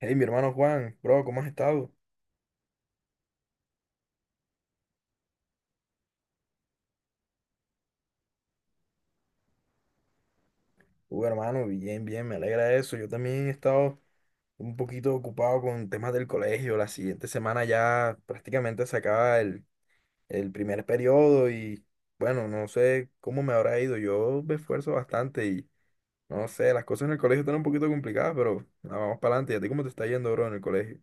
Hey, mi hermano Juan, bro, ¿cómo has estado? Uy, hermano, bien, bien, me alegra eso. Yo también he estado un poquito ocupado con temas del colegio. La siguiente semana ya prácticamente se acaba el primer periodo y bueno, no sé cómo me habrá ido. Yo me esfuerzo bastante y no sé, las cosas en el colegio están un poquito complicadas, pero nada, vamos para adelante. ¿Y a ti cómo te está yendo, bro, en el colegio?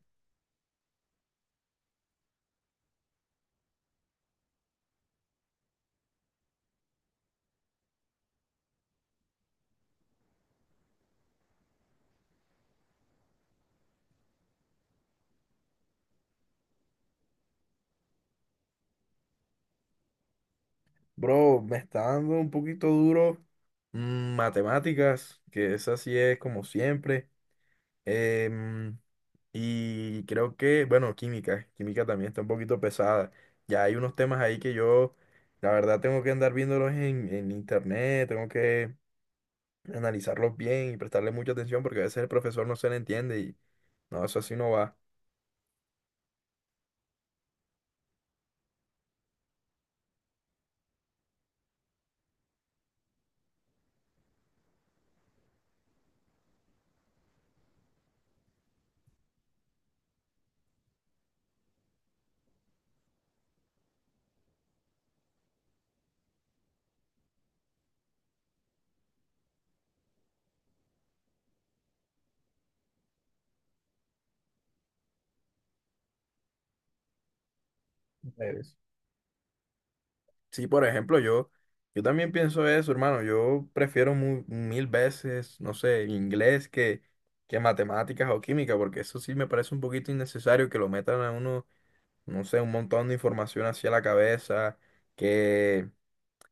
Bro, me está dando un poquito duro matemáticas, que esa sí es como siempre. Em, Y creo que, bueno, química, química también está un poquito pesada. Ya hay unos temas ahí que yo, la verdad, tengo que andar viéndolos en internet, tengo que analizarlos bien y prestarle mucha atención porque a veces el profesor no se le entiende y no, eso así no va. Debes. Sí, por ejemplo, yo también pienso eso, hermano. Yo prefiero mil veces, no sé, inglés que matemáticas o química, porque eso sí me parece un poquito innecesario que lo metan a uno no sé, un montón de información hacia la cabeza, que,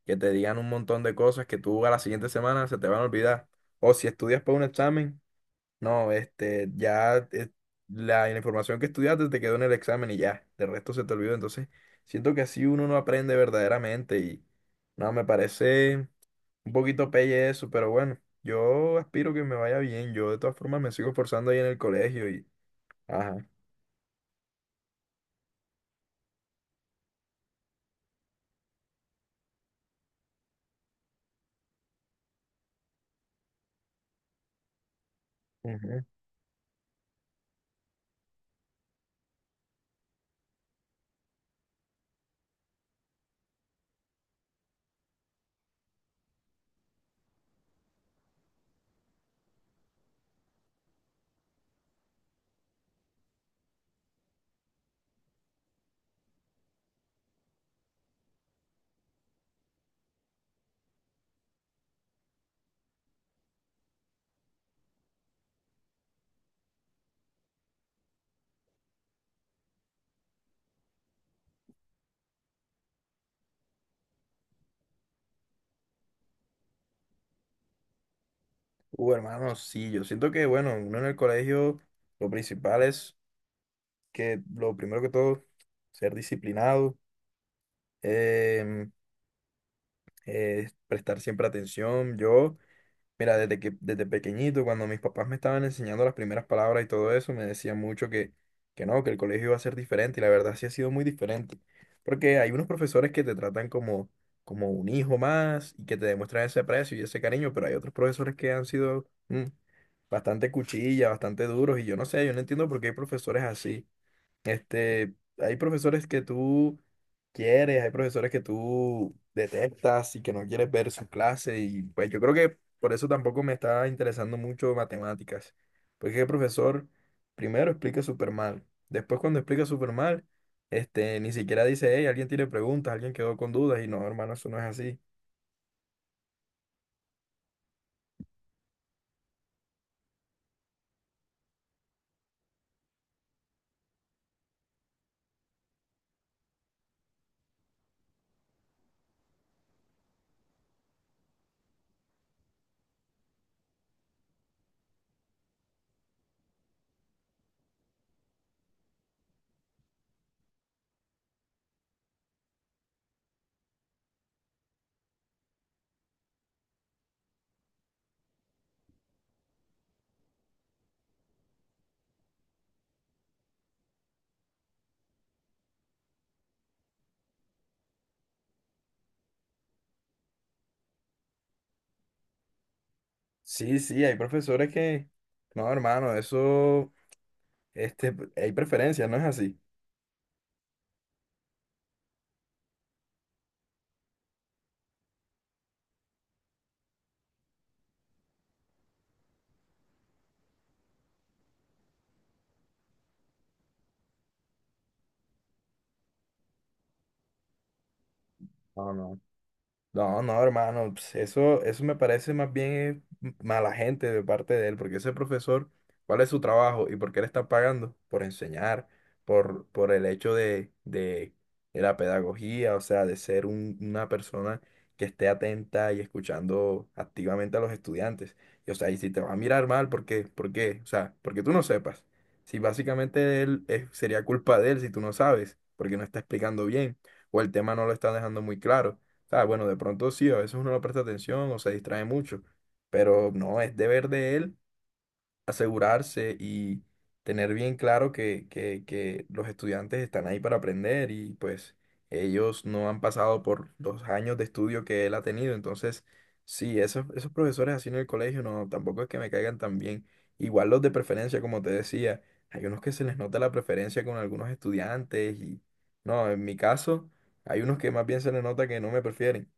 que te digan un montón de cosas que tú a la siguiente semana se te van a olvidar. O si estudias para un examen, no, este, ya la información que estudiaste te quedó en el examen y ya, de resto se te olvidó. Entonces, siento que así uno no aprende verdaderamente y no, me parece un poquito pelle eso, pero bueno, yo aspiro que me vaya bien. Yo de todas formas me sigo esforzando ahí en el colegio y... Ajá. Ujú. Hermano, sí, yo siento que, bueno, uno en el colegio, lo principal es que, lo primero que todo, ser disciplinado, em, prestar siempre atención. Yo, mira, desde que, desde pequeñito, cuando mis papás me estaban enseñando las primeras palabras y todo eso, me decían mucho que no, que el colegio iba a ser diferente, y la verdad sí ha sido muy diferente. Porque hay unos profesores que te tratan como, como un hijo más y que te demuestran ese aprecio y ese cariño, pero hay otros profesores que han sido bastante cuchilla, bastante duros, y yo no sé, yo no entiendo por qué hay profesores así. Este, hay profesores que tú quieres, hay profesores que tú detestas y que no quieres ver su clase y pues yo creo que por eso tampoco me está interesando mucho matemáticas, porque el profesor primero explica súper mal, después cuando explica súper mal, este, ni siquiera dice, hey, alguien tiene preguntas, alguien quedó con dudas y no, hermano, eso no es así. Sí, sí, hay profesores que, no, hermano, eso, este, hay preferencias, no es así. No, no, hermano, pues, eso me parece más bien mala gente de parte de él, porque ese profesor, ¿cuál es su trabajo y por qué le está pagando? Por enseñar, por el hecho de la pedagogía, o sea, de ser una persona que esté atenta y escuchando activamente a los estudiantes. Y, o sea, y si te va a mirar mal, ¿por qué? ¿Por qué? O sea, porque tú no sepas. Si básicamente sería culpa de él si tú no sabes, porque no está explicando bien, o el tema no lo está dejando muy claro. Ah, bueno, de pronto sí, a veces uno no presta atención o se distrae mucho, pero no, es deber de él asegurarse y tener bien claro que los estudiantes están ahí para aprender y pues ellos no han pasado por los años de estudio que él ha tenido, entonces sí, esos profesores así en el colegio no, tampoco es que me caigan tan bien. Igual los de preferencia, como te decía, hay unos que se les nota la preferencia con algunos estudiantes y no, en mi caso hay unos que más bien se les nota que no me prefieren.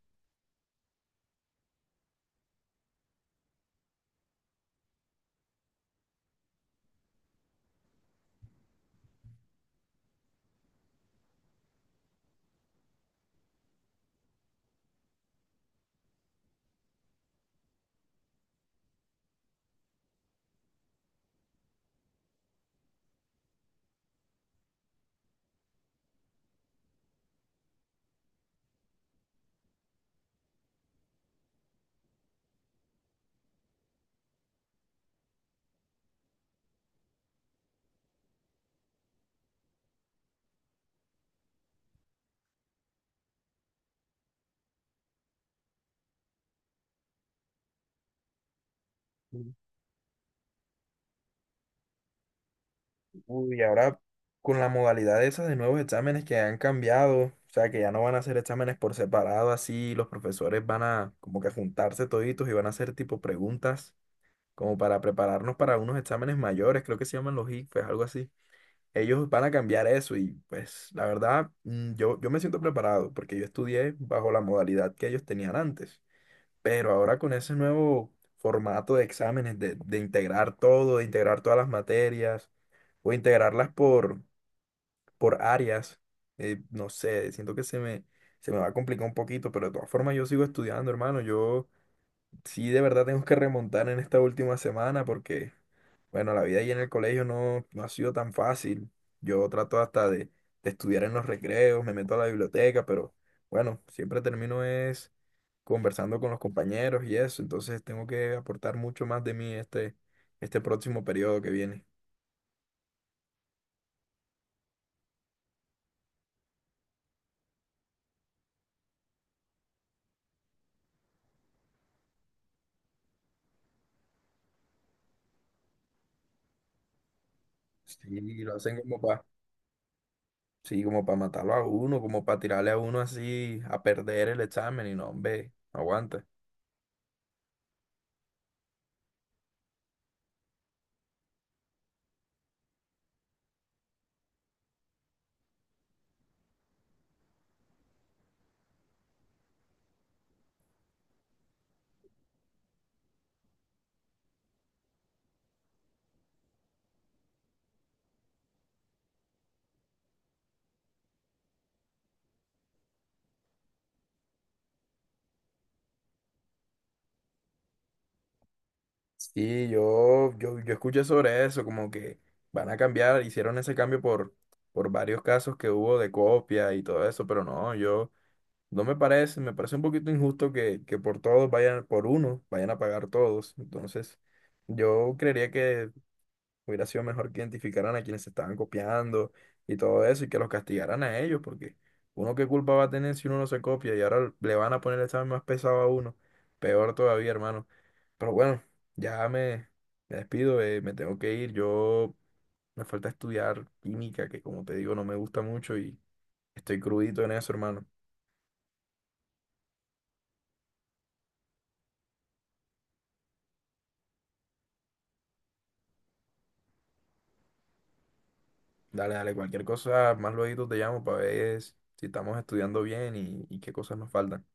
Uy, ahora con la modalidad esa de nuevos exámenes que han cambiado, o sea, que ya no van a hacer exámenes por separado, así los profesores van a como que juntarse toditos y van a hacer tipo preguntas como para prepararnos para unos exámenes mayores, creo que se llaman los ICFES, algo así. Ellos van a cambiar eso y pues la verdad yo, yo me siento preparado porque yo estudié bajo la modalidad que ellos tenían antes, pero ahora con ese nuevo formato de exámenes, de integrar todo, de integrar todas las materias o integrarlas por áreas. Eh, no sé, siento que se me va a complicar un poquito, pero de todas formas yo sigo estudiando, hermano. Yo sí de verdad tengo que remontar en esta última semana porque, bueno, la vida ahí en el colegio no, no ha sido tan fácil. Yo trato hasta de estudiar en los recreos, me meto a la biblioteca, pero bueno, siempre termino es conversando con los compañeros y eso, entonces tengo que aportar mucho más de mí este, este próximo periodo que viene. Sí, lo hacen como para sí, como para matarlo a uno, como para tirarle a uno así a perder el examen y no, hombre, no aguanta. Sí, yo escuché sobre eso, como que van a cambiar, hicieron ese cambio por varios casos que hubo de copia y todo eso, pero no, yo no me parece, me parece un poquito injusto que por todos vayan, por uno, vayan a pagar todos. Entonces, yo creería que hubiera sido mejor que identificaran a quienes se estaban copiando y todo eso y que los castigaran a ellos, porque uno qué culpa va a tener si uno no se copia y ahora le van a poner el examen más pesado a uno. Peor todavía, hermano. Pero bueno, ya me despido, me tengo que ir. Yo me falta estudiar química, que como te digo, no me gusta mucho y estoy crudito en eso, hermano. Dale, dale, cualquier cosa, más luego te llamo para ver si estamos estudiando bien y qué cosas nos faltan.